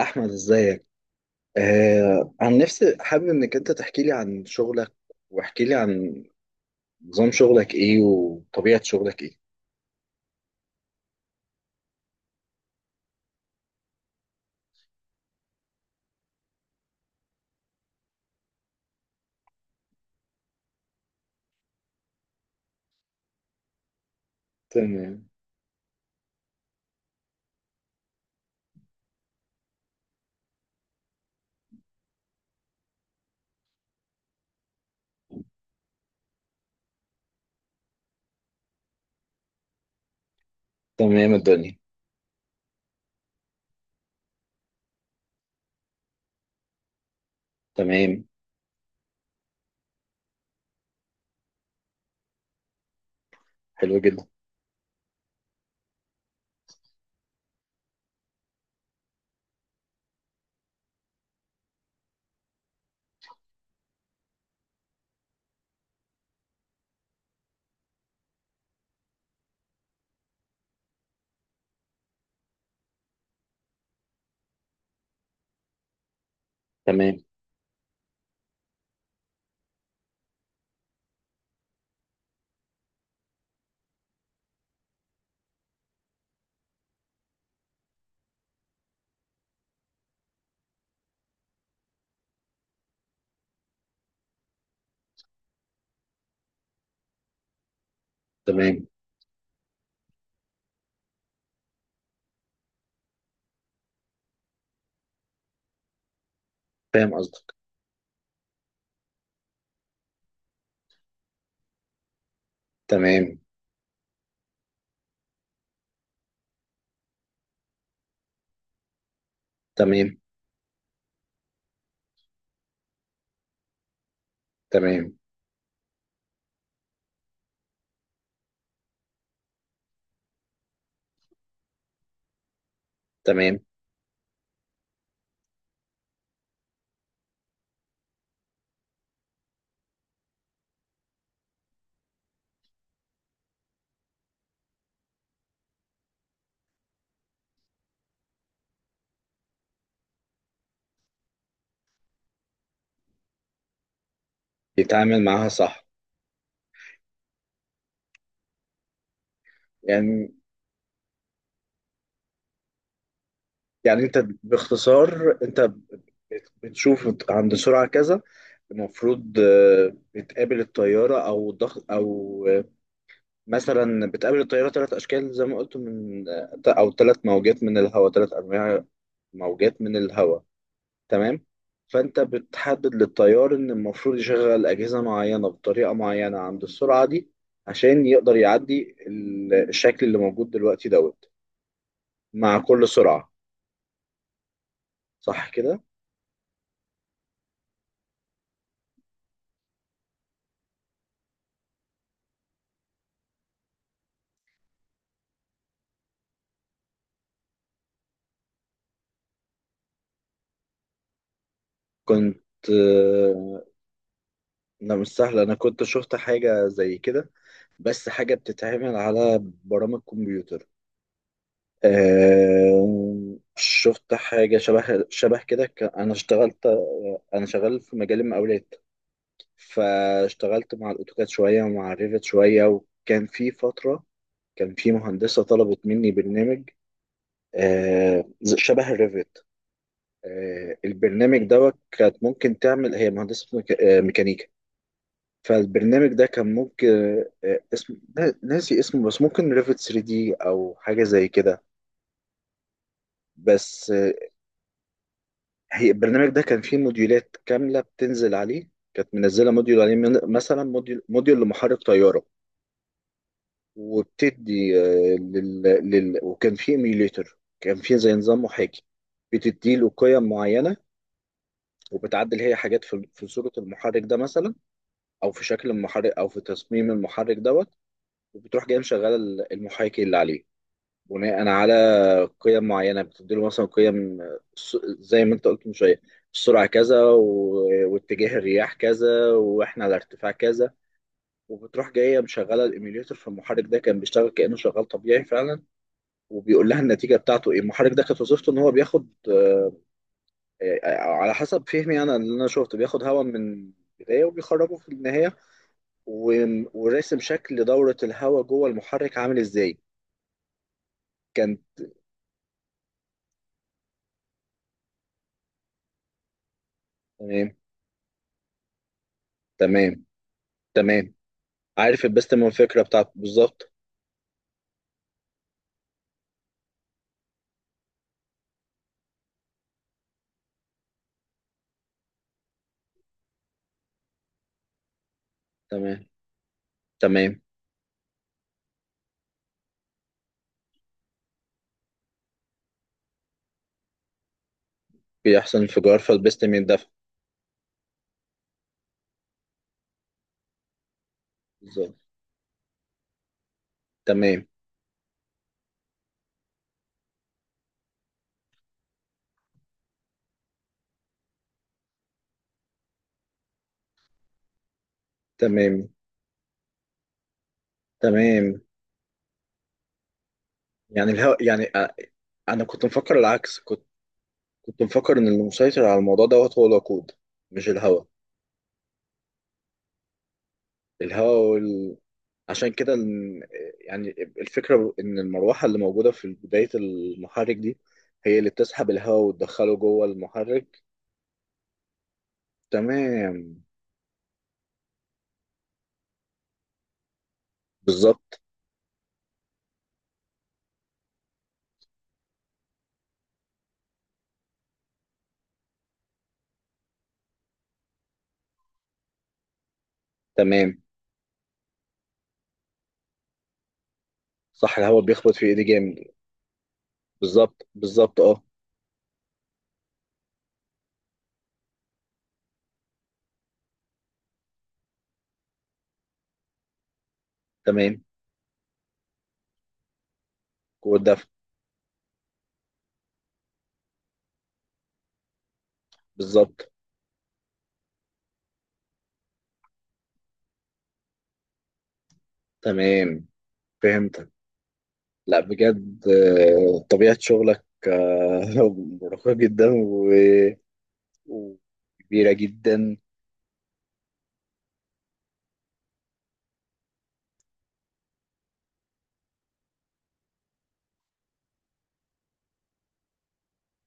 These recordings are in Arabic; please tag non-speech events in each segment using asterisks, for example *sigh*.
احمد، ازيك؟ عن نفسي، حابب انك انت تحكي لي عن شغلك، واحكي لي عن نظام شغلك ايه، وطبيعة شغلك ايه؟ تمام. تمام الدنيا. تمام. حلو جدا. تمام. تمام. فاهم قصدك. تمام. تمام. تمام. تمام. يتعامل معاها صح. يعني يعني انت باختصار، انت بتشوف عند سرعة كذا. المفروض بتقابل الطيارة او الضغط او مثلا بتقابل الطيارة ثلاث أشكال، زي ما قلت من أو ثلاث موجات من الهواء، ثلاث أنواع موجات من الهواء. تمام. فأنت بتحدد للطيار إن المفروض يشغل أجهزة معينة بطريقة معينة عند السرعة دي، عشان يقدر يعدي الشكل اللي موجود دلوقتي دوت، مع كل سرعة. صح كده؟ كنت أنا مش سهل، أنا كنت شفت حاجة زي كده. بس حاجة بتتعمل على برامج كمبيوتر. شفت حاجة شبه شبه كده، أنا اشتغلت. أنا شغال في مجال المقاولات، فاشتغلت مع الأوتوكاد شوية ومع الريفت شوية، وكان في فترة كان في مهندسة طلبت مني برنامج. شبه الريفت. البرنامج دوت كانت ممكن تعمل، هي مهندسة ميكانيكا. فالبرنامج ده كان ممكن. اسم ناسي اسمه، بس ممكن ريفت 3 دي أو حاجة زي كده. بس هي البرنامج ده كان فيه موديولات كاملة بتنزل عليه، كانت منزلة موديول عليه مثلا، موديول لمحرك طيارة. وبتدي وكان فيه ايميوليتر، كان فيه زي نظام محاكي. بتدي له قيم معينة، وبتعدل هي حاجات في صورة المحرك ده مثلا، أو في شكل المحرك، أو في تصميم المحرك دوت. وبتروح جاي مشغلة المحاكي اللي عليه، بناء على قيم معينه. بتديله مثلا قيم، زي ما انت قلت من شويه، السرعه كذا، واتجاه الرياح كذا، واحنا على ارتفاع كذا. وبتروح جايه مشغله الايميوليتر في المحرك ده، كان بيشتغل كانه شغال طبيعي فعلا. وبيقول لها النتيجه بتاعته ايه. المحرك ده كانت وظيفته ان هو بياخد، على حسب فهمي انا، اللي انا شفته، بياخد هواء من البدايه وبيخرجه في النهايه، وراسم شكل دوره الهواء جوه المحرك عامل ازاي. كان تمام. تمام. تمام. عارف البيست من، الفكرة بتاعته بالظبط. تمام. تمام. بيحصل انفجار فالبيست من يندفع بالظبط. تمام. تمام. تمام. يعني يعني أنا كنت مفكر العكس، كنت مفكر إن المسيطر على الموضوع دوت هو الوقود، مش الهواء. الهواء عشان كده يعني الفكرة إن المروحة اللي موجودة في بداية المحرك دي هي اللي بتسحب الهواء وتدخله جوه المحرك. تمام. بالظبط. تمام. صح، الهواء بيخبط في إيدي جامد. بالظبط، بالظبط، اه. تمام. قوة دفع. بالظبط. تمام. فهمتك. لا بجد، طبيعة شغلك *laughs* مرهقة جدا، وكبيرة جدا.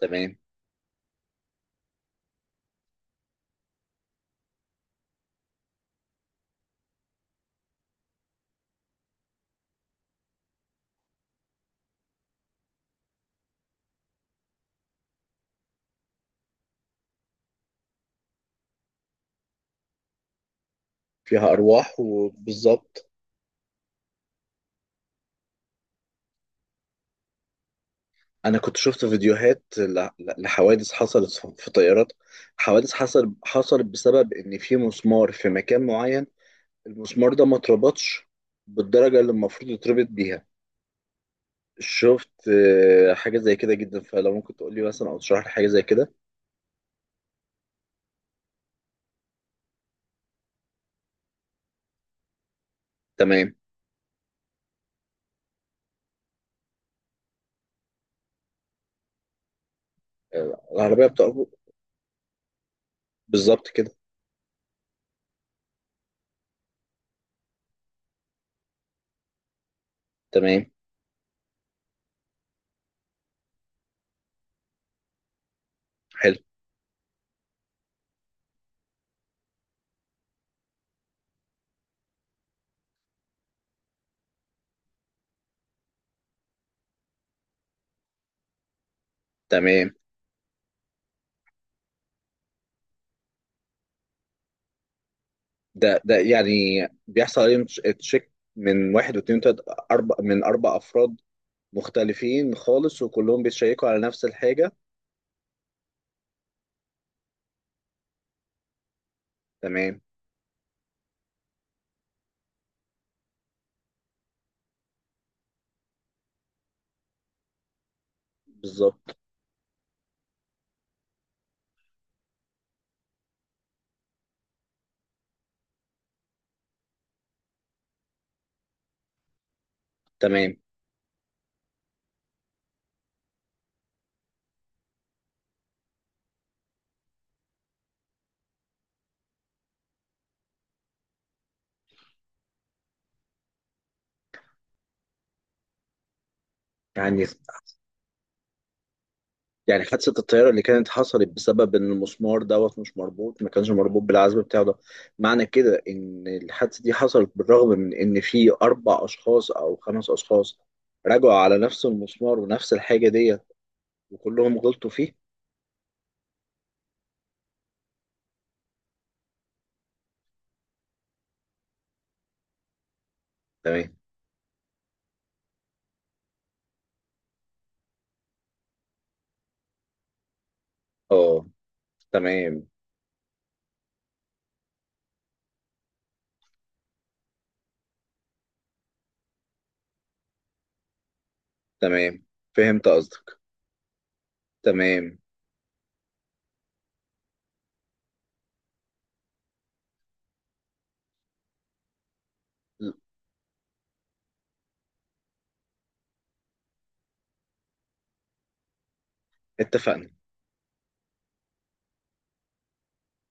تمام. فيها أرواح، وبالظبط. أنا كنت شفت فيديوهات لحوادث حصلت في طيارات، حوادث حصلت بسبب إن في مسمار في مكان معين، المسمار ده ما اتربطش بالدرجة اللي المفروض يتربط بيها. شفت حاجة زي كده جدا، فلو ممكن تقول لي مثلا أو تشرح لي حاجة زي كده. تمام. العربية بتقف بالظبط كده. تمام. حلو. تمام. ده يعني بيحصل عليهم تشيك من واحد واتنين وتلاتة، أربع من أربع أفراد مختلفين خالص، وكلهم بيتشيكوا على نفس الحاجة. تمام. بالظبط. تمام. يعني يعني حادثة الطيارة اللي كانت حصلت بسبب إن المسمار دوت مش مربوط، ما كانش مربوط بالعزم بتاعه ده. معنى كده إن الحادثة دي حصلت بالرغم من إن في أربع أشخاص أو خمس أشخاص راجعوا على نفس المسمار ونفس الحاجة ديت، وكلهم غلطوا فيه. تمام. أه. تمام. تمام. فهمت قصدك. تمام. اتفقنا.